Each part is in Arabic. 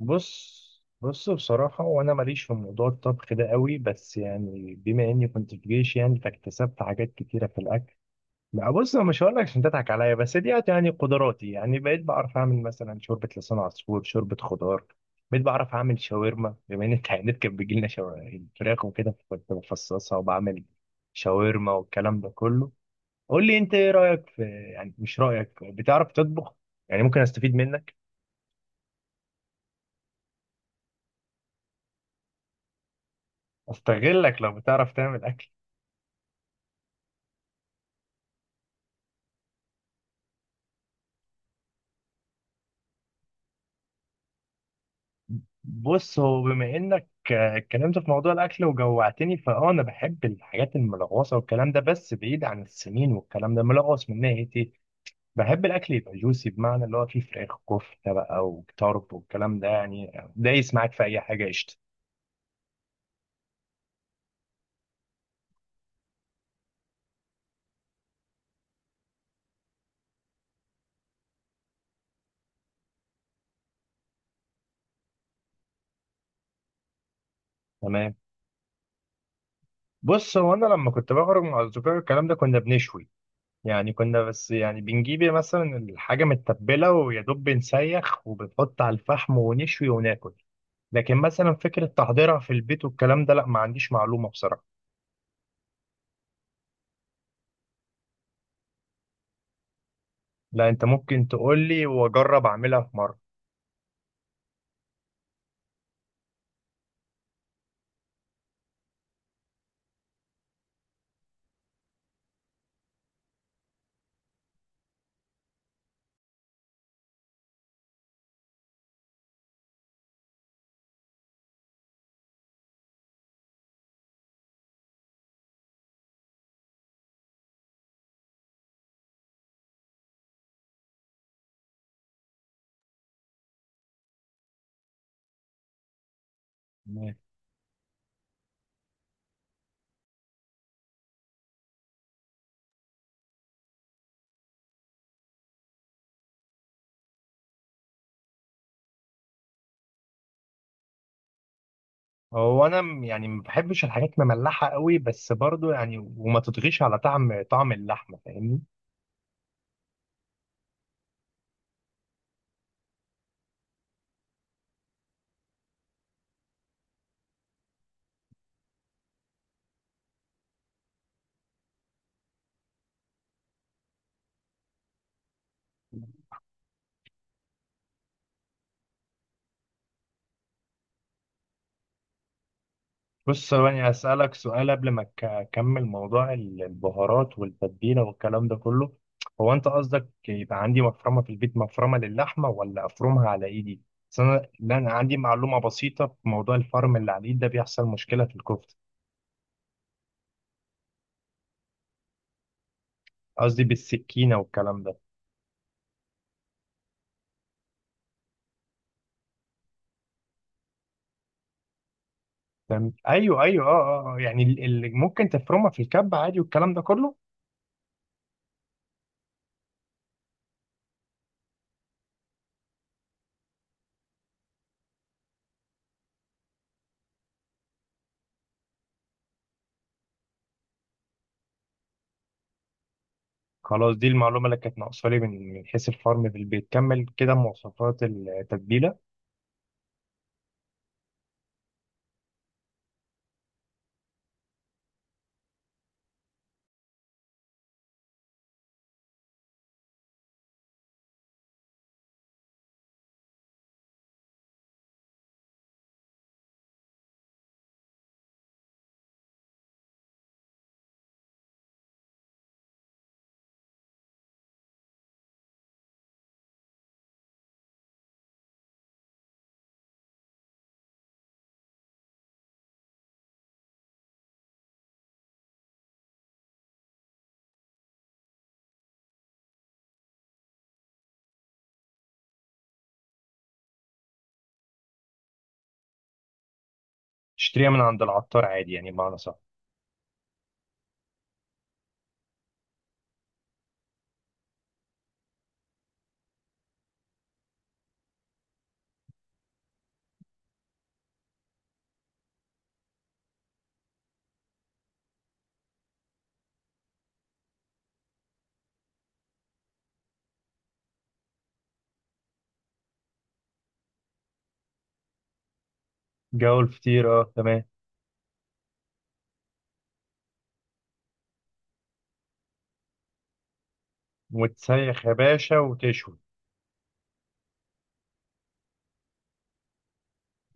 بص بص بصراحة، وأنا ماليش في موضوع الطبخ ده قوي، بس يعني بما إني كنت في جيش يعني فاكتسبت حاجات كتيرة في الأكل. ما بص، أنا مش هقول لك عشان تضحك عليا، بس دي يعني قدراتي. يعني بقيت بعرف أعمل مثلا شوربة لسان عصفور، شوربة خضار. بقيت بعرف أعمل شاورما، بما إن التعيينات كانت بيجي لنا فراخ وكده، كنت بفصصها وبعمل شاورما والكلام ده كله. قول لي أنت، إيه رأيك في، يعني مش رأيك بتعرف تطبخ؟ يعني ممكن أستفيد منك، أستغلك لو بتعرف تعمل أكل. بص، هو بما انك اتكلمت في موضوع الاكل وجوعتني، انا بحب الحاجات الملغوصه والكلام ده، بس بعيد عن السمين. والكلام ده ملغوص من ناحيه ايه؟ بحب الاكل يبقى جوسي، بمعنى اللي هو فيه فراخ، كفته بقى وطرب والكلام ده، يعني دايس معاك في اي حاجه قشطه. تمام. بص، هو انا لما كنت بخرج مع اصدقائي الكلام ده كنا بنشوي. يعني كنا، بس يعني بنجيب مثلا الحاجه متبله، ويا دوب بنسيخ وبنحط على الفحم ونشوي وناكل. لكن مثلا فكرة تحضيرها في البيت والكلام ده، لا، ما عنديش معلومة بصراحة. لا، انت ممكن تقول لي واجرب اعملها في مرة. تمام. هو انا يعني ما بحبش الحاجات مملحة قوي، بس برضو يعني، وما تطغيش على طعم اللحمة، فاهمني؟ بص، ثواني اسالك سؤال قبل ما اكمل موضوع البهارات والتتبيلة والكلام ده كله. هو انت قصدك يبقى عندي مفرمة في البيت، مفرمة للحمة، ولا افرمها على ايدي؟ بس انا، لأن أنا عندي معلومة بسيطة في موضوع الفرم اللي على الايد ده، بيحصل مشكلة في الكفتة. قصدي بالسكينه والكلام ده. تمام، ايوه ايوه اه، اه آه. يعني اللي ممكن تفرمها في الكب عادي والكلام ده كله. خلاص، دي المعلومه اللي كانت ناقصه لي من حيث الفرم في البيت. كمل كده مواصفات التتبيله. تشتريها من عند العطار عادي يعني، بمعنى صح؟ جو الفطير، اه تمام. وتسيخ يا باشا وتشوي.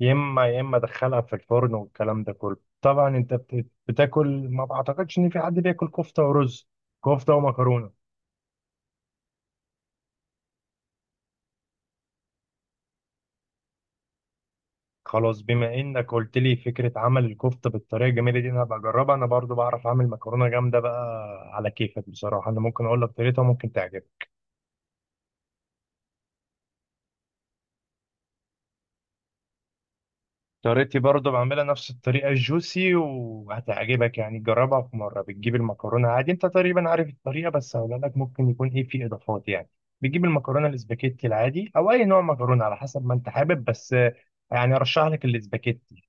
يا اما يا اما دخلها في الفرن والكلام ده كله. طبعا انت بتاكل. ما بعتقدش ان في حد بياكل كفته ورز، كفته ومكرونه. خلاص، بما انك قلت لي فكره عمل الكفته بالطريقه الجميله دي، انا هبقى اجربها. انا برضو بعرف اعمل مكرونه جامده بقى. على كيفك بصراحه، انا ممكن اقول لك طريقتها، ممكن تعجبك. طريقتي برضو بعملها نفس الطريقه الجوسي، وهتعجبك يعني، جربها في مره. بتجيب المكرونه عادي، انت تقريبا عارف الطريقه، بس هقول لك ممكن يكون ايه في اضافات يعني. بتجيب المكرونه الاسباجيتي العادي او اي نوع مكرونه على حسب ما انت حابب، بس يعني ارشح لك الاسباجيتي.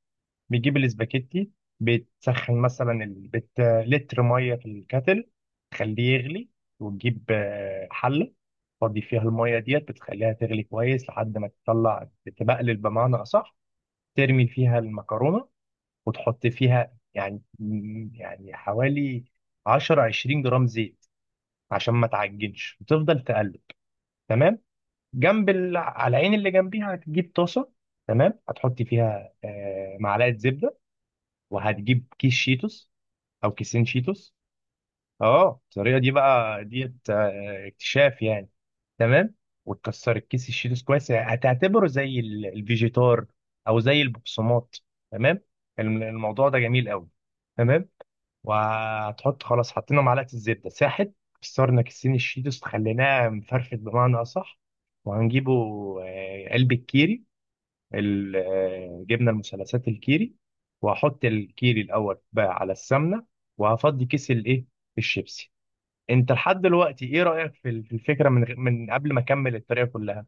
بتجيب الاسباجيتي. بتسخن مثلا لتر ميه في الكاتل، تخليه يغلي. وتجيب حله، تفضي فيها الميه ديت، بتخليها تغلي كويس لحد ما تطلع، تبقلل بمعنى اصح. ترمي فيها المكرونه، وتحط فيها يعني حوالي 10 20 جرام زيت عشان ما تعجنش، وتفضل تقلب. تمام. جنب على العين اللي جنبيها هتجيب طاسه. تمام، هتحط فيها معلقه زبده، وهتجيب كيس شيتوس او كيسين شيتوس. اه، الطريقه دي بقى ديت اكتشاف يعني. تمام. وتكسر الكيس الشيتوس كويس، يعني هتعتبره زي الفيجيتار او زي البقسماط. تمام. الموضوع ده جميل قوي. تمام. وهتحط، خلاص حطينا معلقه الزبده ساحت، كسرنا كيسين الشيتوس خليناه مفرفت بمعنى اصح، وهنجيبه قلب الكيري، جبنه المثلثات الكيري. وهحط الكيري الاول بقى على السمنه، وهفضي كيس الايه الشيبسي. انت لحد دلوقتي ايه رايك في في الفكره من من قبل ما اكمل الطريقه كلها؟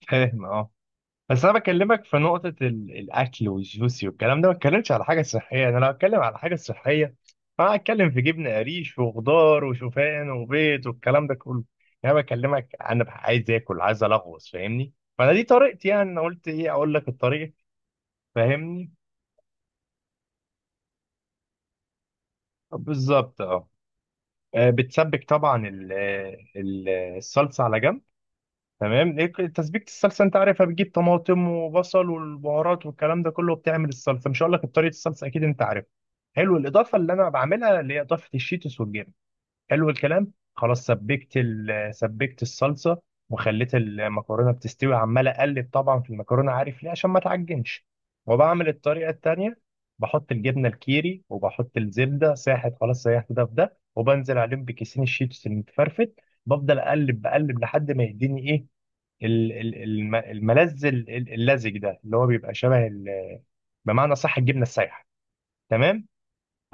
فاهم، اه. بس انا بكلمك في نقطه الاكل والجوسي والكلام ده، ما اتكلمتش على حاجه صحيه. انا لو اتكلم على حاجه صحيه، انا هتكلم في جبنه قريش وخضار وشوفان وبيض والكلام ده كله. يعني انا بكلمك انا عايز اكل، عايز الغوص، فاهمني؟ فانا دي طريقتي، يعني انا قلت ايه اقول لك الطريقه. فاهمني؟ بالظبط اه. بتسبك طبعا ال- الصلصه على جنب. تمام، إيه، تسبيكه الصلصه انت عارفها، بتجيب طماطم وبصل والبهارات والكلام ده كله بتعمل الصلصه. مش هقول لك طريقه الصلصه اكيد انت عارفها. حلو الاضافه اللي انا بعملها، اللي هي اضافه الشيتوس والجبن. حلو الكلام. خلاص سبكت الصلصه وخليت المكرونه بتستوي، عمال اقلب طبعا في المكرونه، عارف ليه؟ عشان ما تعجنش، وبعمل الطريقه التانيه. بحط الجبنه الكيري، وبحط الزبده ساحت خلاص، سيحت ده في ده، وبنزل عليهم بكيسين الشيتوس المتفرفت. بفضل اقلب، بقلب لحد ما يديني ايه الملذ اللزج ده، اللي هو بيبقى شبه بمعنى صح الجبنه السايحه. تمام.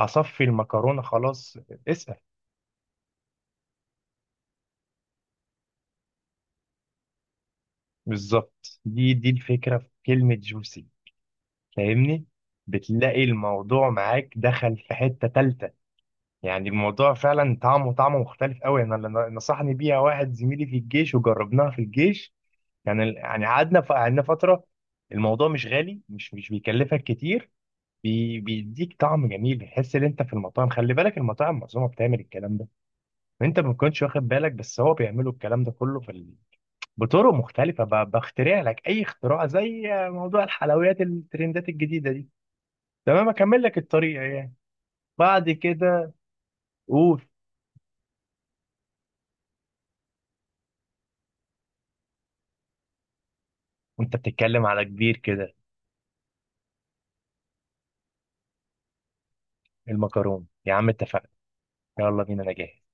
اصفي المكرونه، خلاص اسأل. بالظبط، دي الفكرة في كلمة جوسي، فاهمني؟ بتلاقي الموضوع معاك دخل في حتة تالتة. يعني الموضوع فعلا، طعمه مختلف قوي. انا اللي نصحني بيها واحد زميلي في الجيش، وجربناها في الجيش. يعني يعني قعدنا، قعدنا فترة. الموضوع مش غالي، مش بيكلفك كتير، بيديك طعم جميل. بتحس ان انت في المطاعم. خلي بالك المطاعم معظمها بتعمل الكلام ده، انت ما كنتش واخد بالك، بس هو بيعملوا الكلام ده كله بطرق مختلفة، بخترع لك أي اختراع، زي موضوع الحلويات الترندات الجديدة دي. تمام، أكمل لك الطريق يعني، بعد كده قول. وأنت بتتكلم على كبير كده. المكرونة يا عم، اتفقنا. يلا بينا أنا جاهز.